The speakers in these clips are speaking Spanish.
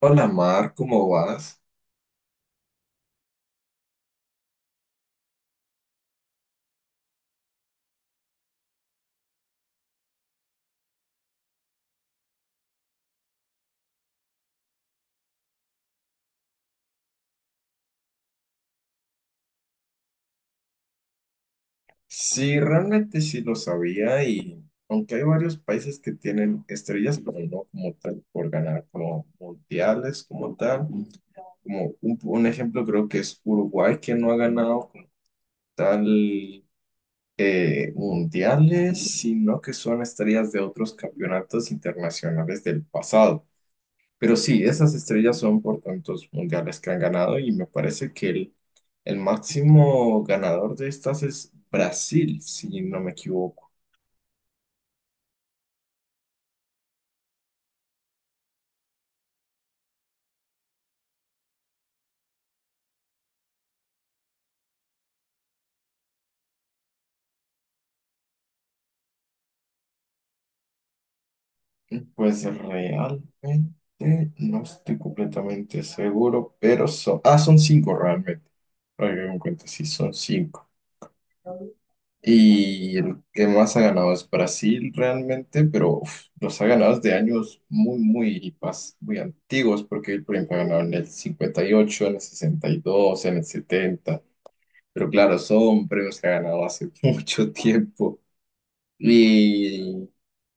Hola Mar, ¿cómo vas? Sí, realmente sí lo sabía y aunque hay varios países que tienen estrellas, pero no como tal por ganar como mundiales, como tal. Como un ejemplo creo que es Uruguay que no ha ganado como tal mundiales, sino que son estrellas de otros campeonatos internacionales del pasado. Pero sí, esas estrellas son por tantos mundiales que han ganado y me parece que el máximo ganador de estas es Brasil, si no me equivoco. Pues realmente no estoy completamente seguro, pero son, ah, son cinco realmente. Ahora que me doy cuenta, sí, son cinco. Y el que más ha ganado es Brasil realmente, pero uf, los ha ganado desde años muy, muy, muy antiguos, porque por ejemplo, ha ganado en el 58, en el 62, en el 70, pero claro, son premios que ha ganado hace mucho tiempo. Y,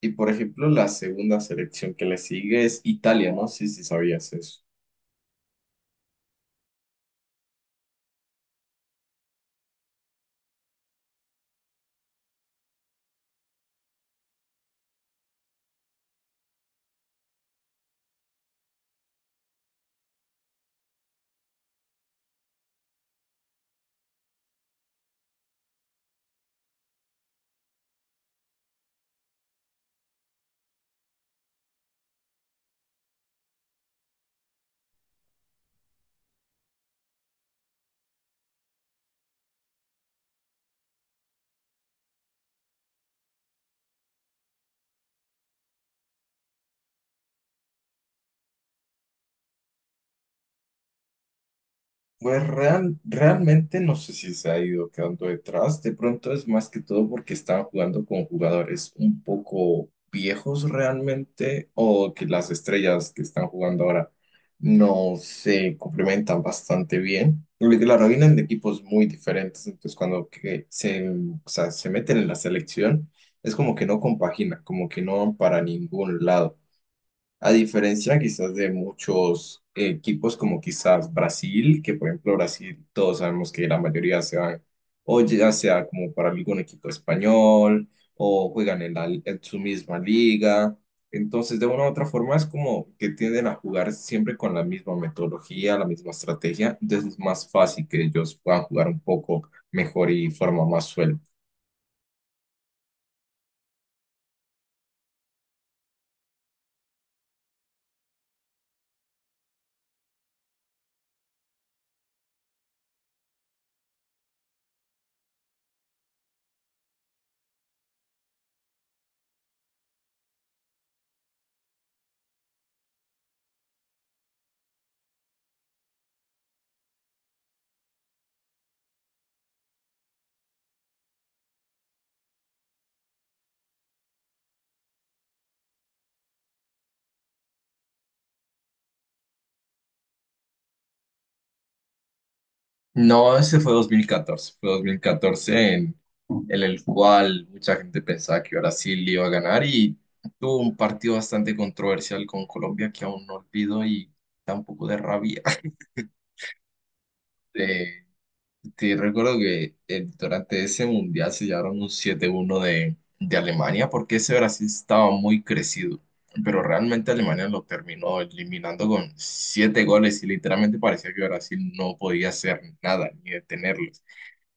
y por ejemplo, la segunda selección que le sigue es Italia, ¿no? Sí, sí, sabías eso. Pues realmente no sé si se ha ido quedando detrás. De pronto es más que todo porque estaban jugando con jugadores un poco viejos realmente o que las estrellas que están jugando ahora no se complementan bastante bien. Porque claro, vienen de equipos muy diferentes, entonces cuando que se, o sea, se meten en la selección es como que no compagina, como que no van para ningún lado. A diferencia quizás de muchos equipos como quizás Brasil, que por ejemplo Brasil todos sabemos que la mayoría se van o ya sea como para algún equipo español o juegan en, en su misma liga. Entonces de una u otra forma es como que tienden a jugar siempre con la misma metodología, la misma estrategia. Entonces es más fácil que ellos puedan jugar un poco mejor y de forma más suelta. No, ese fue dos mil catorce, fue 2014 en el cual mucha gente pensaba que Brasil iba a ganar y tuvo un partido bastante controversial con Colombia que aún no olvido y da un poco de rabia. Eh, te recuerdo que durante ese mundial se llevaron un 7-1 de Alemania porque ese Brasil estaba muy crecido, pero realmente Alemania lo terminó eliminando con 7 goles y literalmente parecía que Brasil no podía hacer nada ni detenerlo.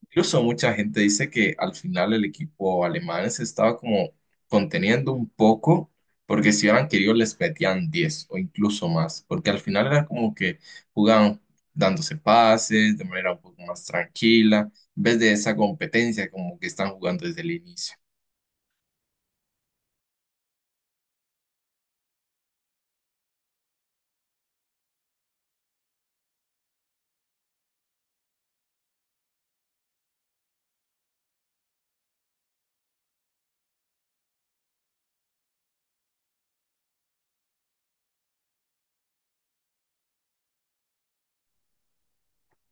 Incluso mucha gente dice que al final el equipo alemán se estaba como conteniendo un poco, porque si hubieran querido les metían 10 o incluso más, porque al final era como que jugaban dándose pases de manera un poco más tranquila, en vez de esa competencia como que están jugando desde el inicio.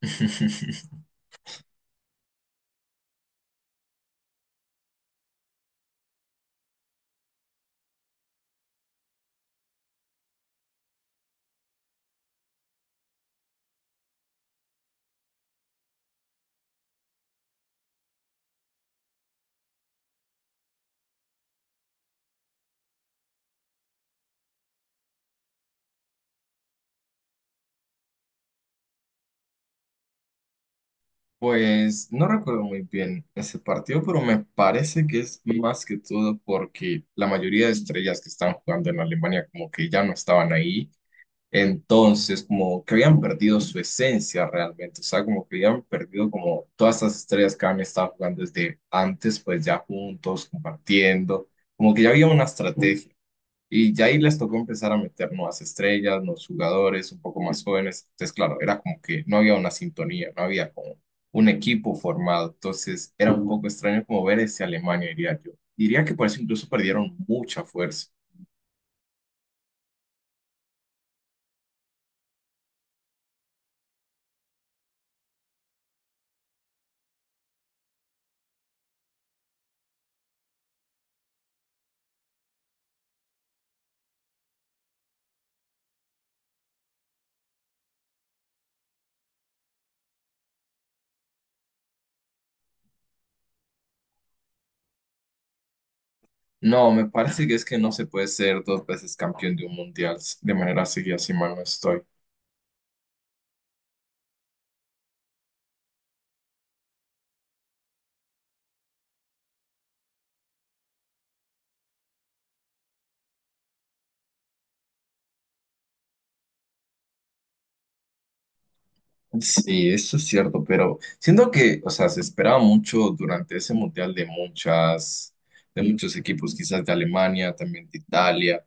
Pues no recuerdo muy bien ese partido, pero me parece que es más que todo porque la mayoría de estrellas que están jugando en Alemania como que ya no estaban ahí. Entonces, como que habían perdido su esencia realmente, o sea, como que habían perdido como todas estas estrellas que habían estado jugando desde antes, pues ya juntos, compartiendo, como que ya había una estrategia. Y ya ahí les tocó empezar a meter nuevas estrellas, nuevos jugadores, un poco más jóvenes. Entonces, claro, era como que no había una sintonía, no había como un equipo formado. Entonces, era un poco extraño como ver ese Alemania, diría yo. Diría que por eso incluso perdieron mucha fuerza. No, me parece que es que no se puede ser dos veces campeón de un mundial de manera seguida, si mal no estoy. Sí, eso es cierto, pero siento que, o sea, se esperaba mucho durante ese mundial de muchas, de muchos equipos, quizás de Alemania, también de Italia,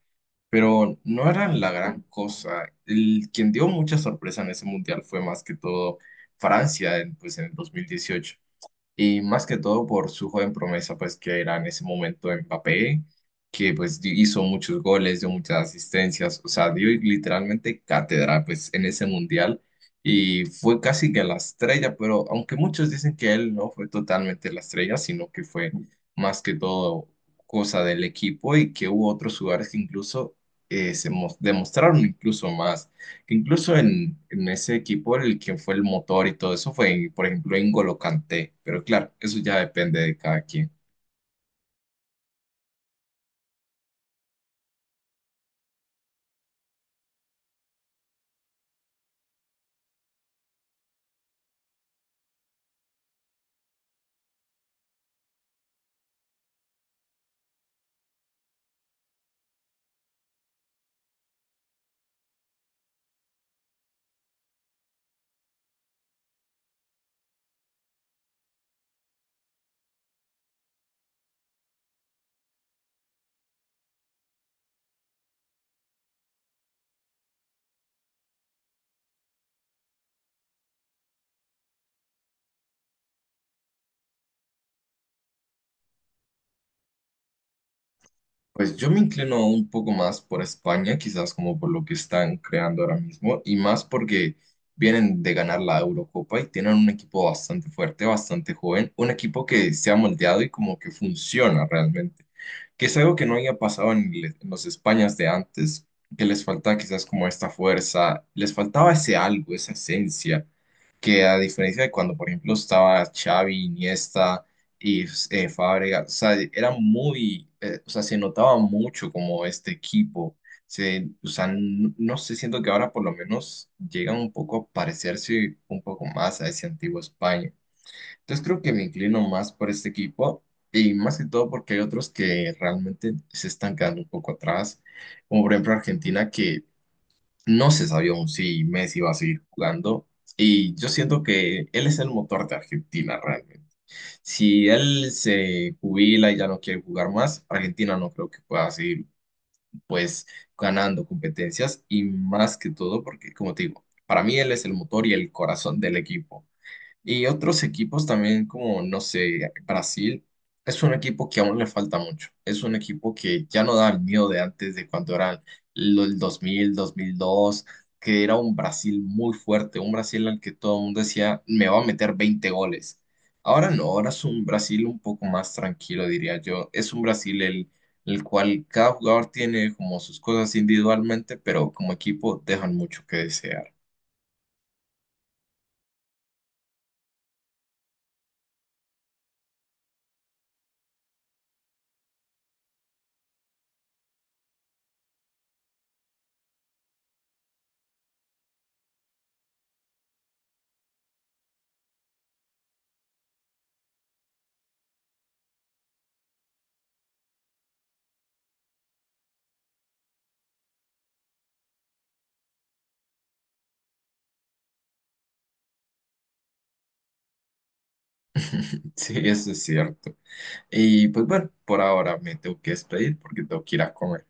pero no eran la gran cosa. El, quien dio mucha sorpresa en ese mundial fue más que todo Francia, pues en el 2018. Y más que todo por su joven promesa, pues que era en ese momento Mbappé, que pues hizo muchos goles, dio muchas asistencias, o sea, dio literalmente cátedra pues en ese mundial y fue casi que la estrella, pero aunque muchos dicen que él no fue totalmente la estrella, sino que fue más que todo cosa del equipo y que hubo otros jugadores que incluso se demostraron incluso más que incluso en, ese equipo el quien fue el motor y todo eso fue, por ejemplo, N'Golo Kanté, pero claro, eso ya depende de cada quien. Pues yo me inclino un poco más por España, quizás como por lo que están creando ahora mismo, y más porque vienen de ganar la Eurocopa y tienen un equipo bastante fuerte, bastante joven, un equipo que se ha moldeado y como que funciona realmente, que es algo que no había pasado en, en los Españas de antes, que les faltaba quizás como esta fuerza, les faltaba ese algo, esa esencia que a diferencia de cuando, por ejemplo, estaba Xavi, Iniesta y Fábregas, o sea, era muy, o sea, se notaba mucho como este equipo, se, o sea, no sé, siento que ahora por lo menos llegan un poco a parecerse un poco más a ese antiguo España. Entonces creo que me inclino más por este equipo y más que todo porque hay otros que realmente se están quedando un poco atrás, como por ejemplo Argentina, que no se sabía aún si Messi iba a seguir jugando y yo siento que él es el motor de Argentina realmente. Si él se jubila y ya no quiere jugar más, Argentina no creo que pueda seguir pues ganando competencias y más que todo porque como te digo, para mí él es el motor y el corazón del equipo. Y otros equipos también, como, no sé, Brasil, es un equipo que aún le falta mucho. Es un equipo que ya no da el miedo de antes, de cuando eran el dos mil dos, que era un Brasil muy fuerte, un Brasil al que todo el mundo decía, me va a meter 20 goles. Ahora no, ahora es un Brasil un poco más tranquilo, diría yo. Es un Brasil el cual cada jugador tiene como sus cosas individualmente, pero como equipo dejan mucho que desear. Sí, eso es cierto. Y pues bueno, por ahora me tengo que despedir porque tengo que ir a comer.